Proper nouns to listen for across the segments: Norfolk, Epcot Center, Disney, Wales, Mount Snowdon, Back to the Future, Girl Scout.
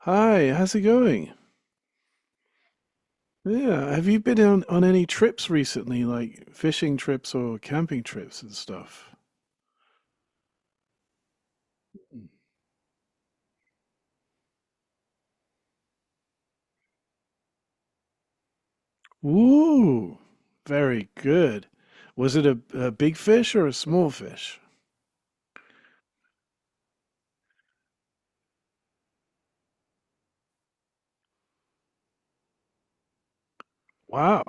Hi, how's it going? Yeah, have you been on any trips recently, like fishing trips or camping trips and stuff? Ooh, very good. Was it a big fish or a small fish? Wow,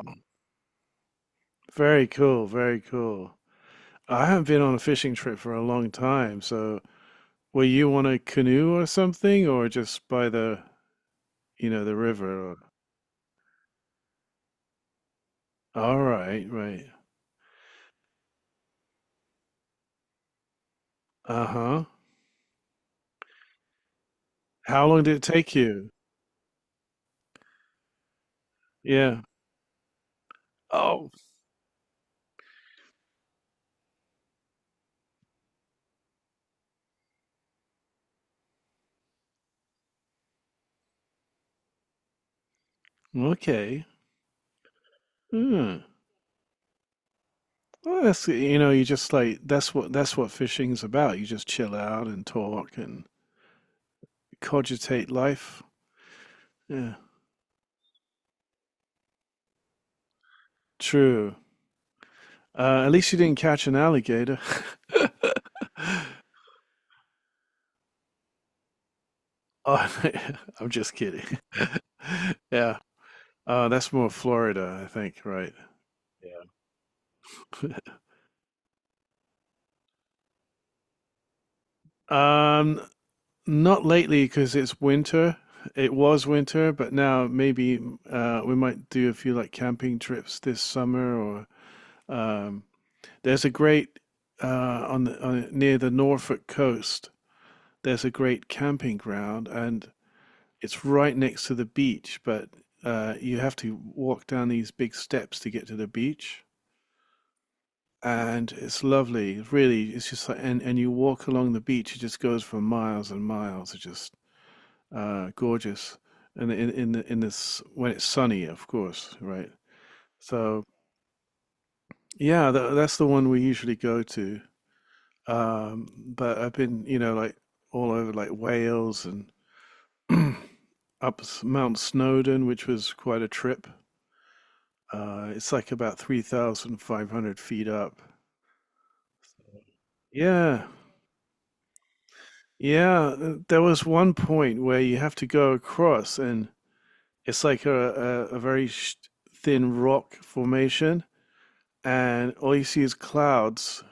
very cool, very cool. I haven't been on a fishing trip for a long time, so were you on a canoe or something, or just by the river? All right, right. Uh-huh. How long did it take you? Yeah. Oh, okay. Hmm. Well, that's you just like that's what fishing's about. You just chill out and talk and cogitate life. Yeah. True. At least you didn't catch an alligator. Oh, I'm just kidding. Yeah. That's more Florida, I think, right? Yeah. Um, Not lately because it's winter. It was winter, but now maybe we might do a few like camping trips this summer or Um, there's a great on, the, on near the Norfolk coast. There's a great camping ground, and it's right next to the beach. But you have to walk down these big steps to get to the beach, and it's lovely. Really, it's just like, and you walk along the beach. It just goes for miles and miles. It's just gorgeous. And in this when it's sunny, of course, right? So yeah, that's the one we usually go to. But I've been, like all over like Wales and up Mount Snowdon, which was quite a trip. It's like about 3,500 feet up. Yeah. Yeah. There was one point where you have to go across, and it's like a very sh thin rock formation, and all you see is clouds,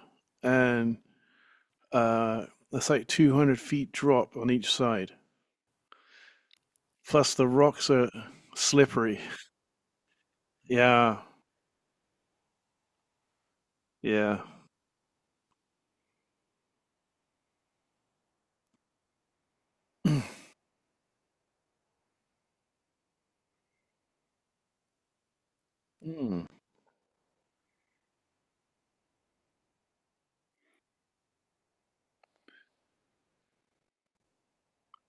and uh, it's like 200 feet drop on each side. Plus, the rocks are slippery. Yeah, yeah. Mm.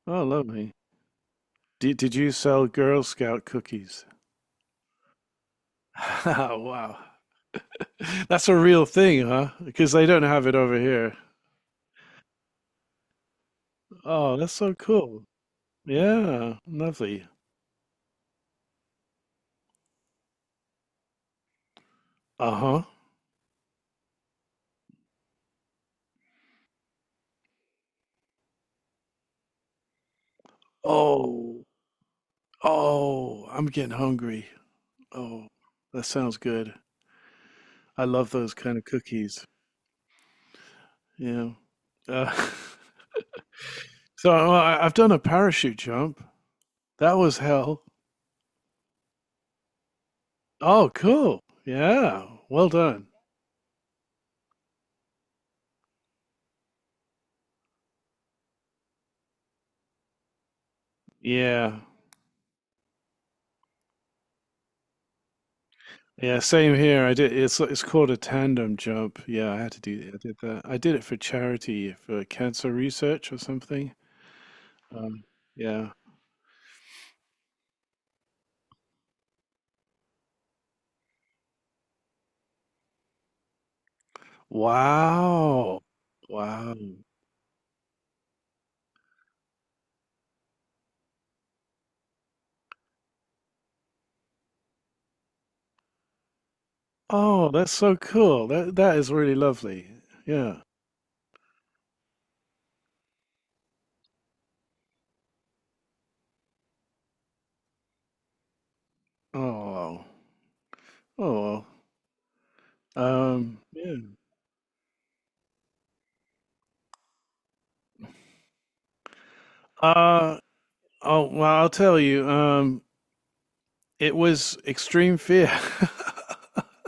Oh, lovely. Did you sell Girl Scout cookies? Wow. That's a real thing, huh? Because they don't have it over here. Oh, that's so cool. Yeah, lovely. Uh-huh. Oh, oh, I'm getting hungry. Oh, that sounds good. I love those kind of cookies. Yeah. Uh, so I've done a parachute jump. That was hell. Oh, cool. Yeah. Well done. Yeah. Yeah, same here. I did it's called a tandem jump. Yeah, I had to do I did that. I did it for charity for cancer research or something. Um, yeah. Wow. Wow. Oh, that's so cool. That is really lovely. Yeah. Oh. Wow. Oh. Well. Yeah. Uh, oh, well, I'll tell you. It was extreme fear.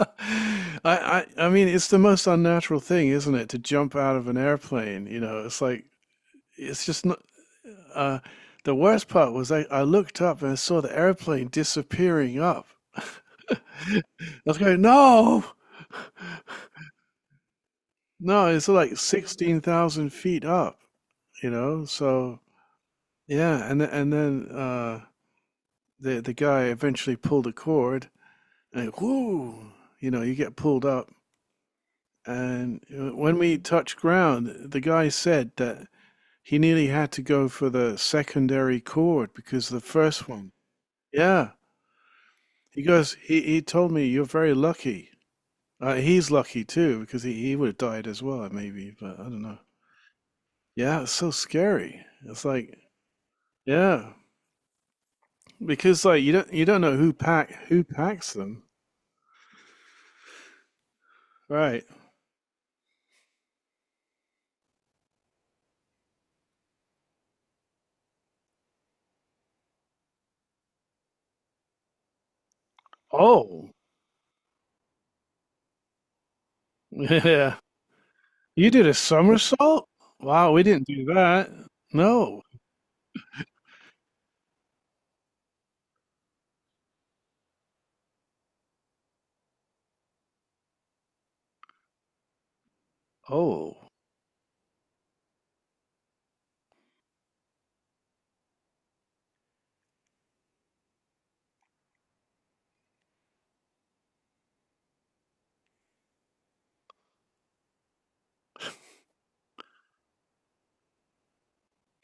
I mean it's the most unnatural thing, isn't it, to jump out of an airplane. It's like it's just not. uh the worst part was I looked up and I saw the airplane disappearing up. I was going, no, no, it's like 16,000 feet up, you know? So, yeah, and and then the guy eventually pulled a cord and whoo, you get pulled up. And when we touched ground, the guy said that he nearly had to go for the secondary chord because the first one. Yeah. He told me you're very lucky. He's lucky too because he would have died as well, maybe, but I don't know. Yeah, it's so scary. It's like, yeah, because like you don't know who packs them, right? Oh, yeah. You did a somersault? Wow, we didn't do that. No. Oh.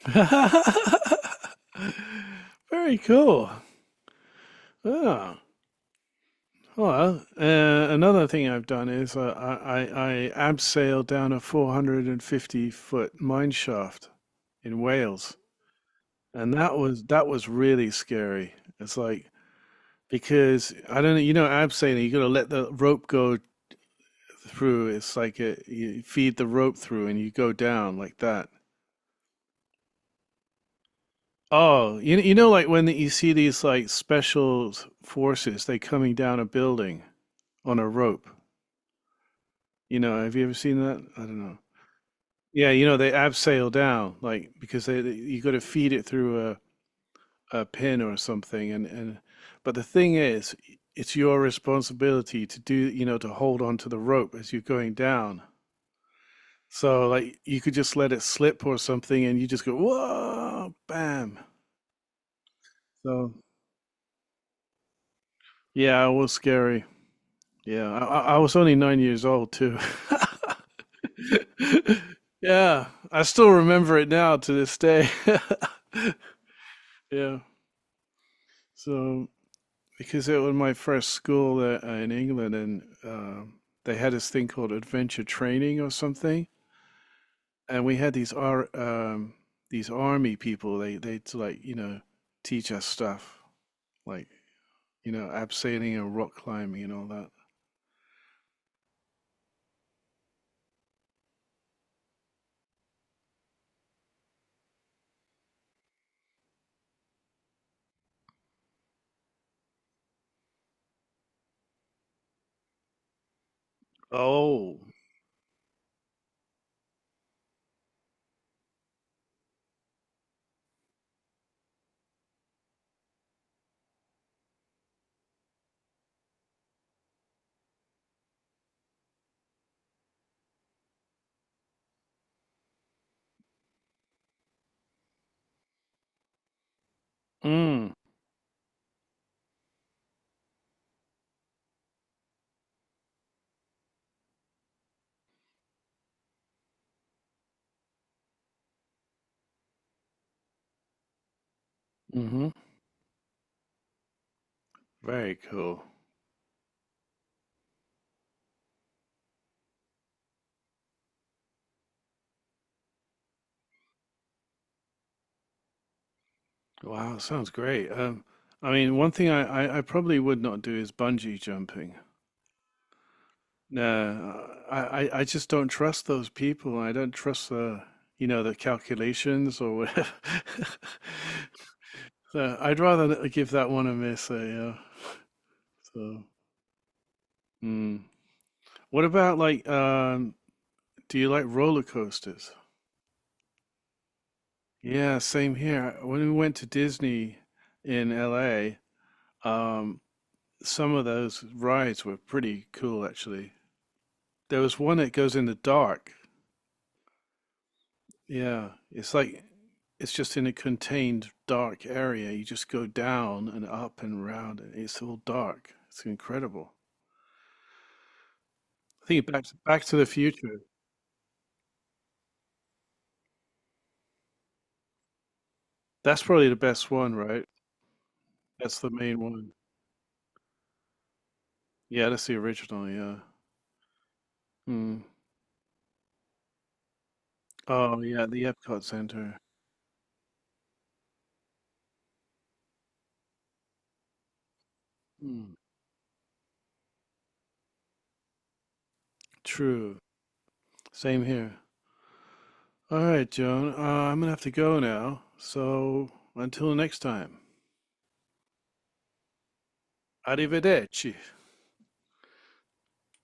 Very cool. Oh, well, another thing I've done is I abseiled down a 450 foot mine shaft in Wales, and that was really scary. It's like because I don't know, abseiling, you got to let the rope go through. It's like you feed the rope through, and you go down like that. Oh, like when you see these like special forces, they coming down a building on a rope. You know, have you ever seen that? I don't know. Yeah, they abseil down, like because they you got to feed it through a pin or something, and but the thing is, it's your responsibility to do, you know, to hold on to the rope as you're going down. So like you could just let it slip or something, and you just go whoa, bam. So yeah, it was scary. Yeah, I was only 9 years old too. Yeah, I still remember it now to this day. Yeah, so because it was my first school in England, and they had this thing called adventure training or something, and we had these army people. They'd like teach us stuff like abseiling and rock climbing and all that. Oh, mm, mm-hmm. Very cool. Wow, sounds great. I mean, one thing I probably would not do is bungee jumping. No, I just don't trust those people. I don't trust the calculations or whatever. So I'd rather give that one a miss. Yeah. So, mm. What about like, do you like roller coasters? Yeah, same here. When we went to Disney in LA, um, some of those rides were pretty cool, actually. There was one that goes in the dark. Yeah, it's like it's just in a contained dark area. You just go down and up and round, and it's all dark. It's incredible. I think Back to the Future. That's probably the best one, right? That's the main one. Yeah, that's the original. Yeah. Mm. Oh, yeah, the Epcot Center. Mm. True. Same here. All right, Joan. I'm gonna have to go now. So until next time, arrivederci.